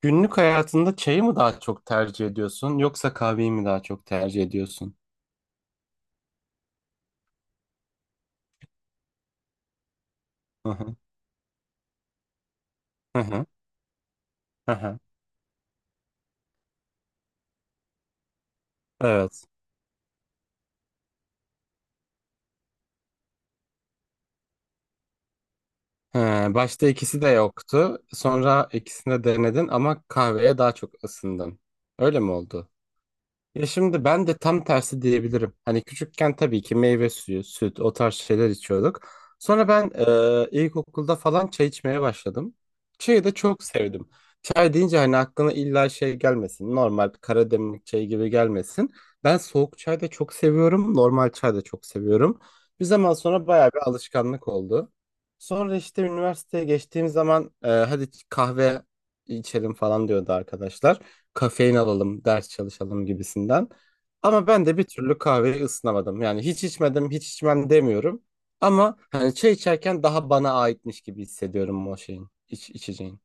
Günlük hayatında çayı mı daha çok tercih ediyorsun yoksa kahveyi mi daha çok tercih ediyorsun? Hı hı, hı hı, hı hı. Evet. He, başta ikisi de yoktu. Sonra ikisini de denedin ama kahveye daha çok ısındın. Öyle mi oldu? Ya şimdi ben de tam tersi diyebilirim. Hani küçükken tabii ki meyve suyu, süt o tarz şeyler içiyorduk. Sonra ben ilkokulda falan çay içmeye başladım. Çayı da çok sevdim. Çay deyince hani aklına illa şey gelmesin. Normal Karademlik çayı gibi gelmesin. Ben soğuk çay da çok seviyorum. Normal çay da çok seviyorum. Bir zaman sonra bayağı bir alışkanlık oldu. Sonra işte üniversiteye geçtiğim zaman hadi kahve içelim falan diyordu arkadaşlar, kafein alalım, ders çalışalım gibisinden. Ama ben de bir türlü kahveyi ısınamadım. Yani hiç içmedim, hiç içmem demiyorum. Ama hani çay içerken daha bana aitmiş gibi hissediyorum o şeyin, içeceğin.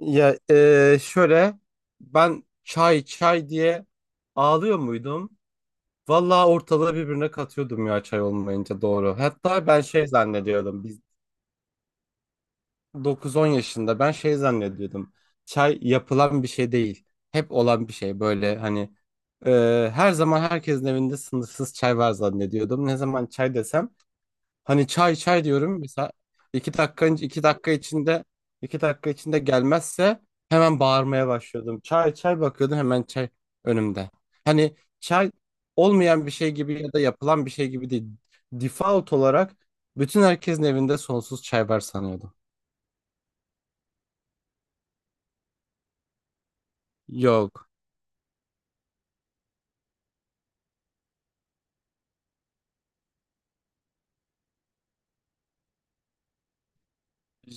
Ya şöyle ben çay çay diye ağlıyor muydum? Vallahi ortalığı birbirine katıyordum ya çay olmayınca, doğru. Hatta ben şey zannediyordum. 9-10 yaşında ben şey zannediyordum. Çay yapılan bir şey değil. Hep olan bir şey böyle, hani e, her zaman herkesin evinde sınırsız çay var zannediyordum. Ne zaman çay desem, hani çay çay diyorum mesela, iki dakika iki dakika içinde 2 dakika içinde gelmezse hemen bağırmaya başlıyordum. Çay çay bakıyordum hemen çay önümde. Hani çay olmayan bir şey gibi ya da yapılan bir şey gibi değil. Default olarak bütün herkesin evinde sonsuz çay var sanıyordum. Yok.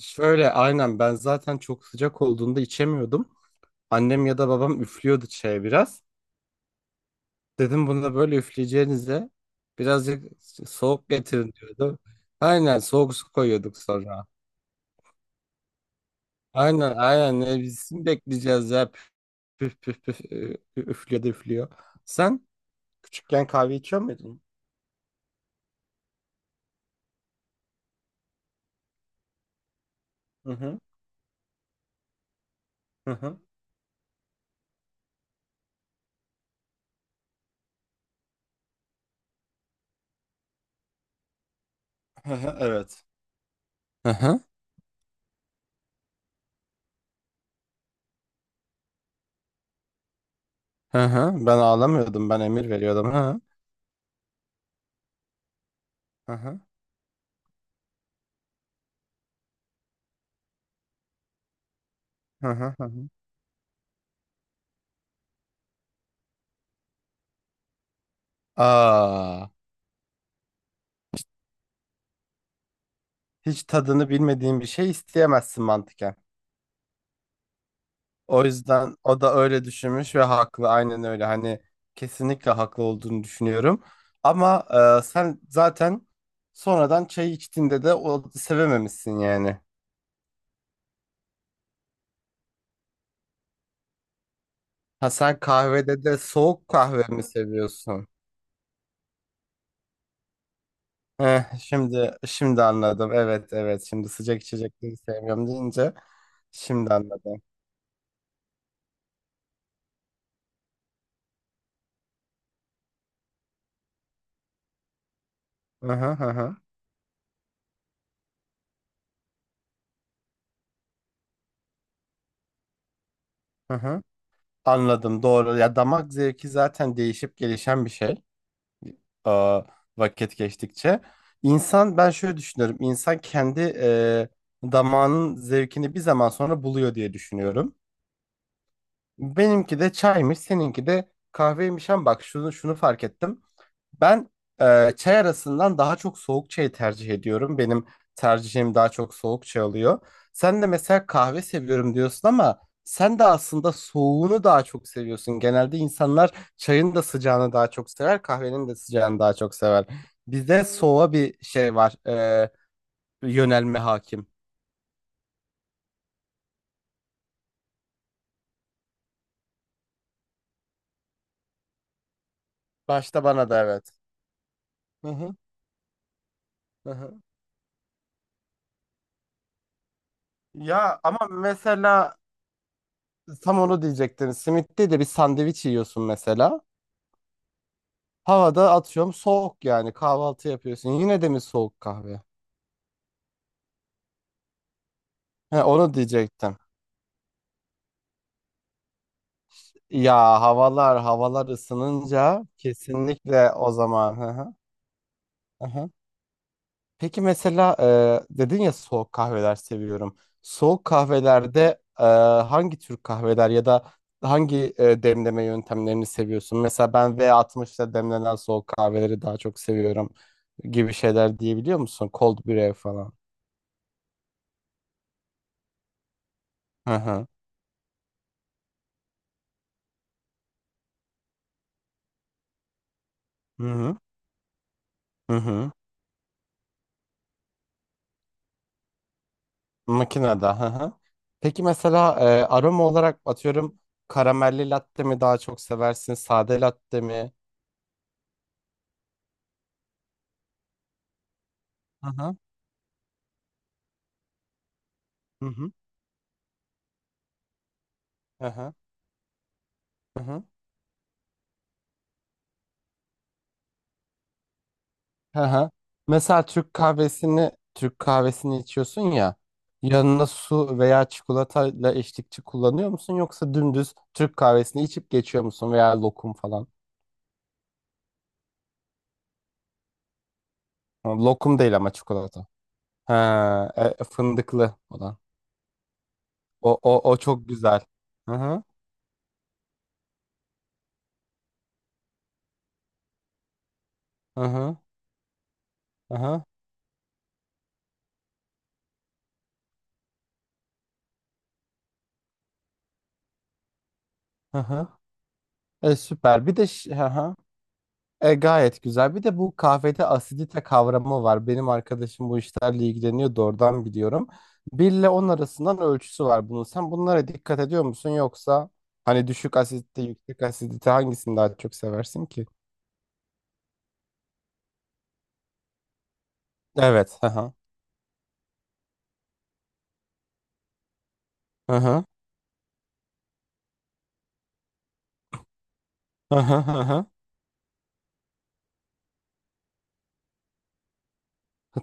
Şöyle, aynen, ben zaten çok sıcak olduğunda içemiyordum. Annem ya da babam üflüyordu çaya biraz. Dedim bunu da böyle üfleyeceğinize birazcık soğuk getirin diyordu. Aynen, soğuk su koyuyorduk sonra. Aynen aynen, ne bizim bekleyeceğiz ya, püf püf püf, püf, üflüyor da üflüyor. Sen küçükken kahve içiyor muydun? Hı hı hı hı. Hı hı, evet. Hı hı hı hı. Ben ağlamıyordum, ben emir veriyordum. Hı hı hı hı hı. Hı. Hı. Aa. Hiç tadını bilmediğin bir şey isteyemezsin, mantıken. O yüzden o da öyle düşünmüş ve haklı. Aynen öyle. Hani kesinlikle haklı olduğunu düşünüyorum. Ama sen zaten sonradan çay içtiğinde de o sevememişsin yani. Ha, sen kahvede de soğuk kahve mi seviyorsun? Eh, şimdi anladım. Evet evet. Şimdi, sıcak içecekleri sevmiyorum deyince şimdi anladım. Hı hı hı hı. Hı hı. Anladım, doğru. Ya damak zevki zaten değişip gelişen bir şey. Aa, vakit geçtikçe. İnsan, ben şöyle düşünüyorum. İnsan kendi damağının zevkini bir zaman sonra buluyor diye düşünüyorum. Benimki de çaymış, seninki de kahveymiş, ama bak şunu fark ettim. Ben çay arasından daha çok soğuk çayı tercih ediyorum. Benim tercihim daha çok soğuk çay oluyor. Sen de mesela kahve seviyorum diyorsun, ama sen de aslında soğuğunu daha çok seviyorsun. Genelde insanlar çayın da sıcağını daha çok sever, kahvenin de sıcağını daha çok sever. Bizde soğuğa bir şey var, yönelme hakim. Başta bana da evet. Hı hı, hı hı. Ya ama mesela tam onu diyecektin. Simit'te de bir sandviç yiyorsun mesela. Havada atıyorum, soğuk yani, kahvaltı yapıyorsun. Yine de mi soğuk kahve? He, onu diyecektim. Ya havalar ısınınca kesinlikle, o zaman. Hı hı, hı hı. Peki mesela dedin ya soğuk kahveler seviyorum. Soğuk kahvelerde hangi tür kahveler ya da hangi demleme yöntemlerini seviyorsun? Mesela ben V60'da demlenen soğuk kahveleri daha çok seviyorum gibi şeyler diyebiliyor musun? Cold brew falan. Hı hı. Hı hı. Hı hı. Makinede. Hı hı. Peki mesela aroma olarak atıyorum, karamelli latte mi daha çok seversin? Sade latte mi? Hı hı. Hı hı. Hı hı. Hı hı. Hı hı. Mesela Türk kahvesini içiyorsun ya, yanına su veya çikolatayla eşlikçi kullanıyor musun, yoksa dümdüz Türk kahvesini içip geçiyor musun, veya lokum falan? Ha, lokum değil ama çikolata. Ha, fındıklı olan. O çok güzel. Hı hı. Hı hı. Hı hı. Hı hı. Süper. Bir de hı hı. Gayet güzel. Bir de bu kahvede asidite kavramı var. Benim arkadaşım bu işlerle ilgileniyordu. Oradan biliyorum. 1 ile 10 arasından ölçüsü var bunun. Sen bunlara dikkat ediyor musun, yoksa hani düşük asidite, yüksek asidite, hangisini daha çok seversin ki? Evet. Hı hı. Hı hı. Hı hı hı hı.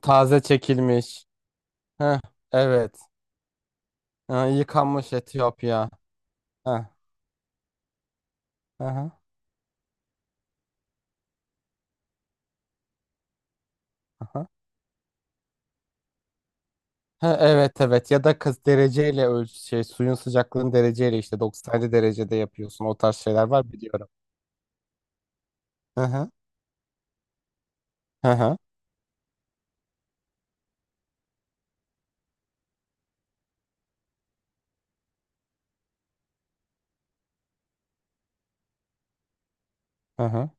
Taze çekilmiş. Hı. Evet. Hı, yıkanmış Etiyopya. Hı hı. Hı. Ha, evet evet, ya da kız dereceyle ölç, şey, suyun sıcaklığını dereceyle, işte 97 derecede yapıyorsun, o tarz şeyler var, biliyorum. Hı hı hı hı hı hı.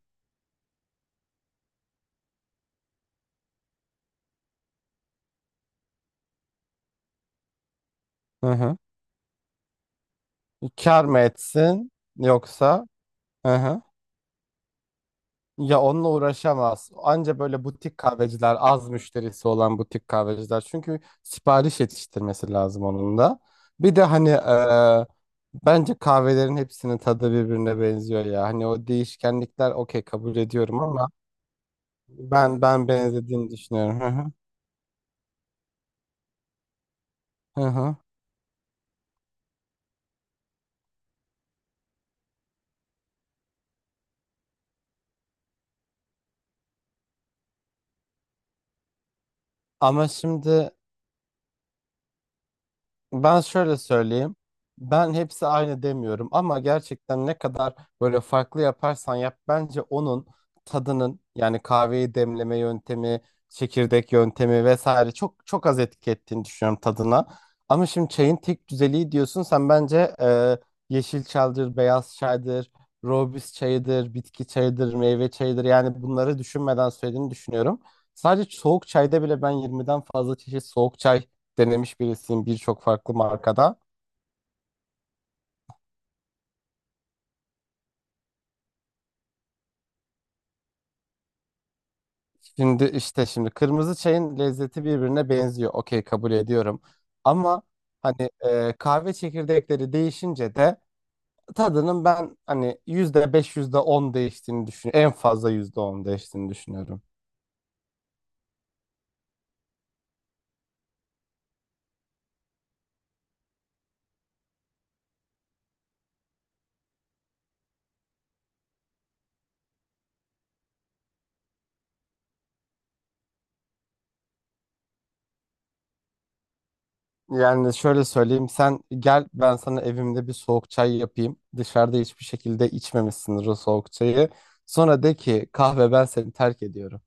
Hı hı. Kar mı etsin, yoksa, hı hı. Ya onunla uğraşamaz. Anca böyle butik kahveciler, az müşterisi olan butik kahveciler, çünkü sipariş yetiştirmesi lazım onun da. Bir de hani bence kahvelerin hepsinin tadı birbirine benziyor ya. Hani o değişkenlikler, okey, kabul ediyorum, ama ben benzediğini düşünüyorum. Hı hı. Hı hı. Ama şimdi, ben şöyle söyleyeyim. Ben hepsi aynı demiyorum, ama gerçekten ne kadar böyle farklı yaparsan yap, bence onun tadının, yani kahveyi demleme yöntemi, çekirdek yöntemi vesaire, çok çok az etki ettiğini düşünüyorum tadına. Ama şimdi çayın tek düzeliği diyorsun sen, bence yeşil çaydır, beyaz çaydır, rooibos çayıdır, bitki çayıdır, meyve çayıdır, yani bunları düşünmeden söylediğini düşünüyorum. Sadece soğuk çayda bile ben 20'den fazla çeşit soğuk çay denemiş birisiyim, birçok farklı markada. Şimdi kırmızı çayın lezzeti birbirine benziyor. Okey, kabul ediyorum. Ama hani kahve çekirdekleri değişince de tadının, ben hani %5 yüzde on değiştiğini düşünüyorum. En fazla %10 değiştiğini düşünüyorum. Yani şöyle söyleyeyim, sen gel ben sana evimde bir soğuk çay yapayım. Dışarıda hiçbir şekilde içmemişsindir o soğuk çayı. Sonra de ki kahve, ben seni terk ediyorum.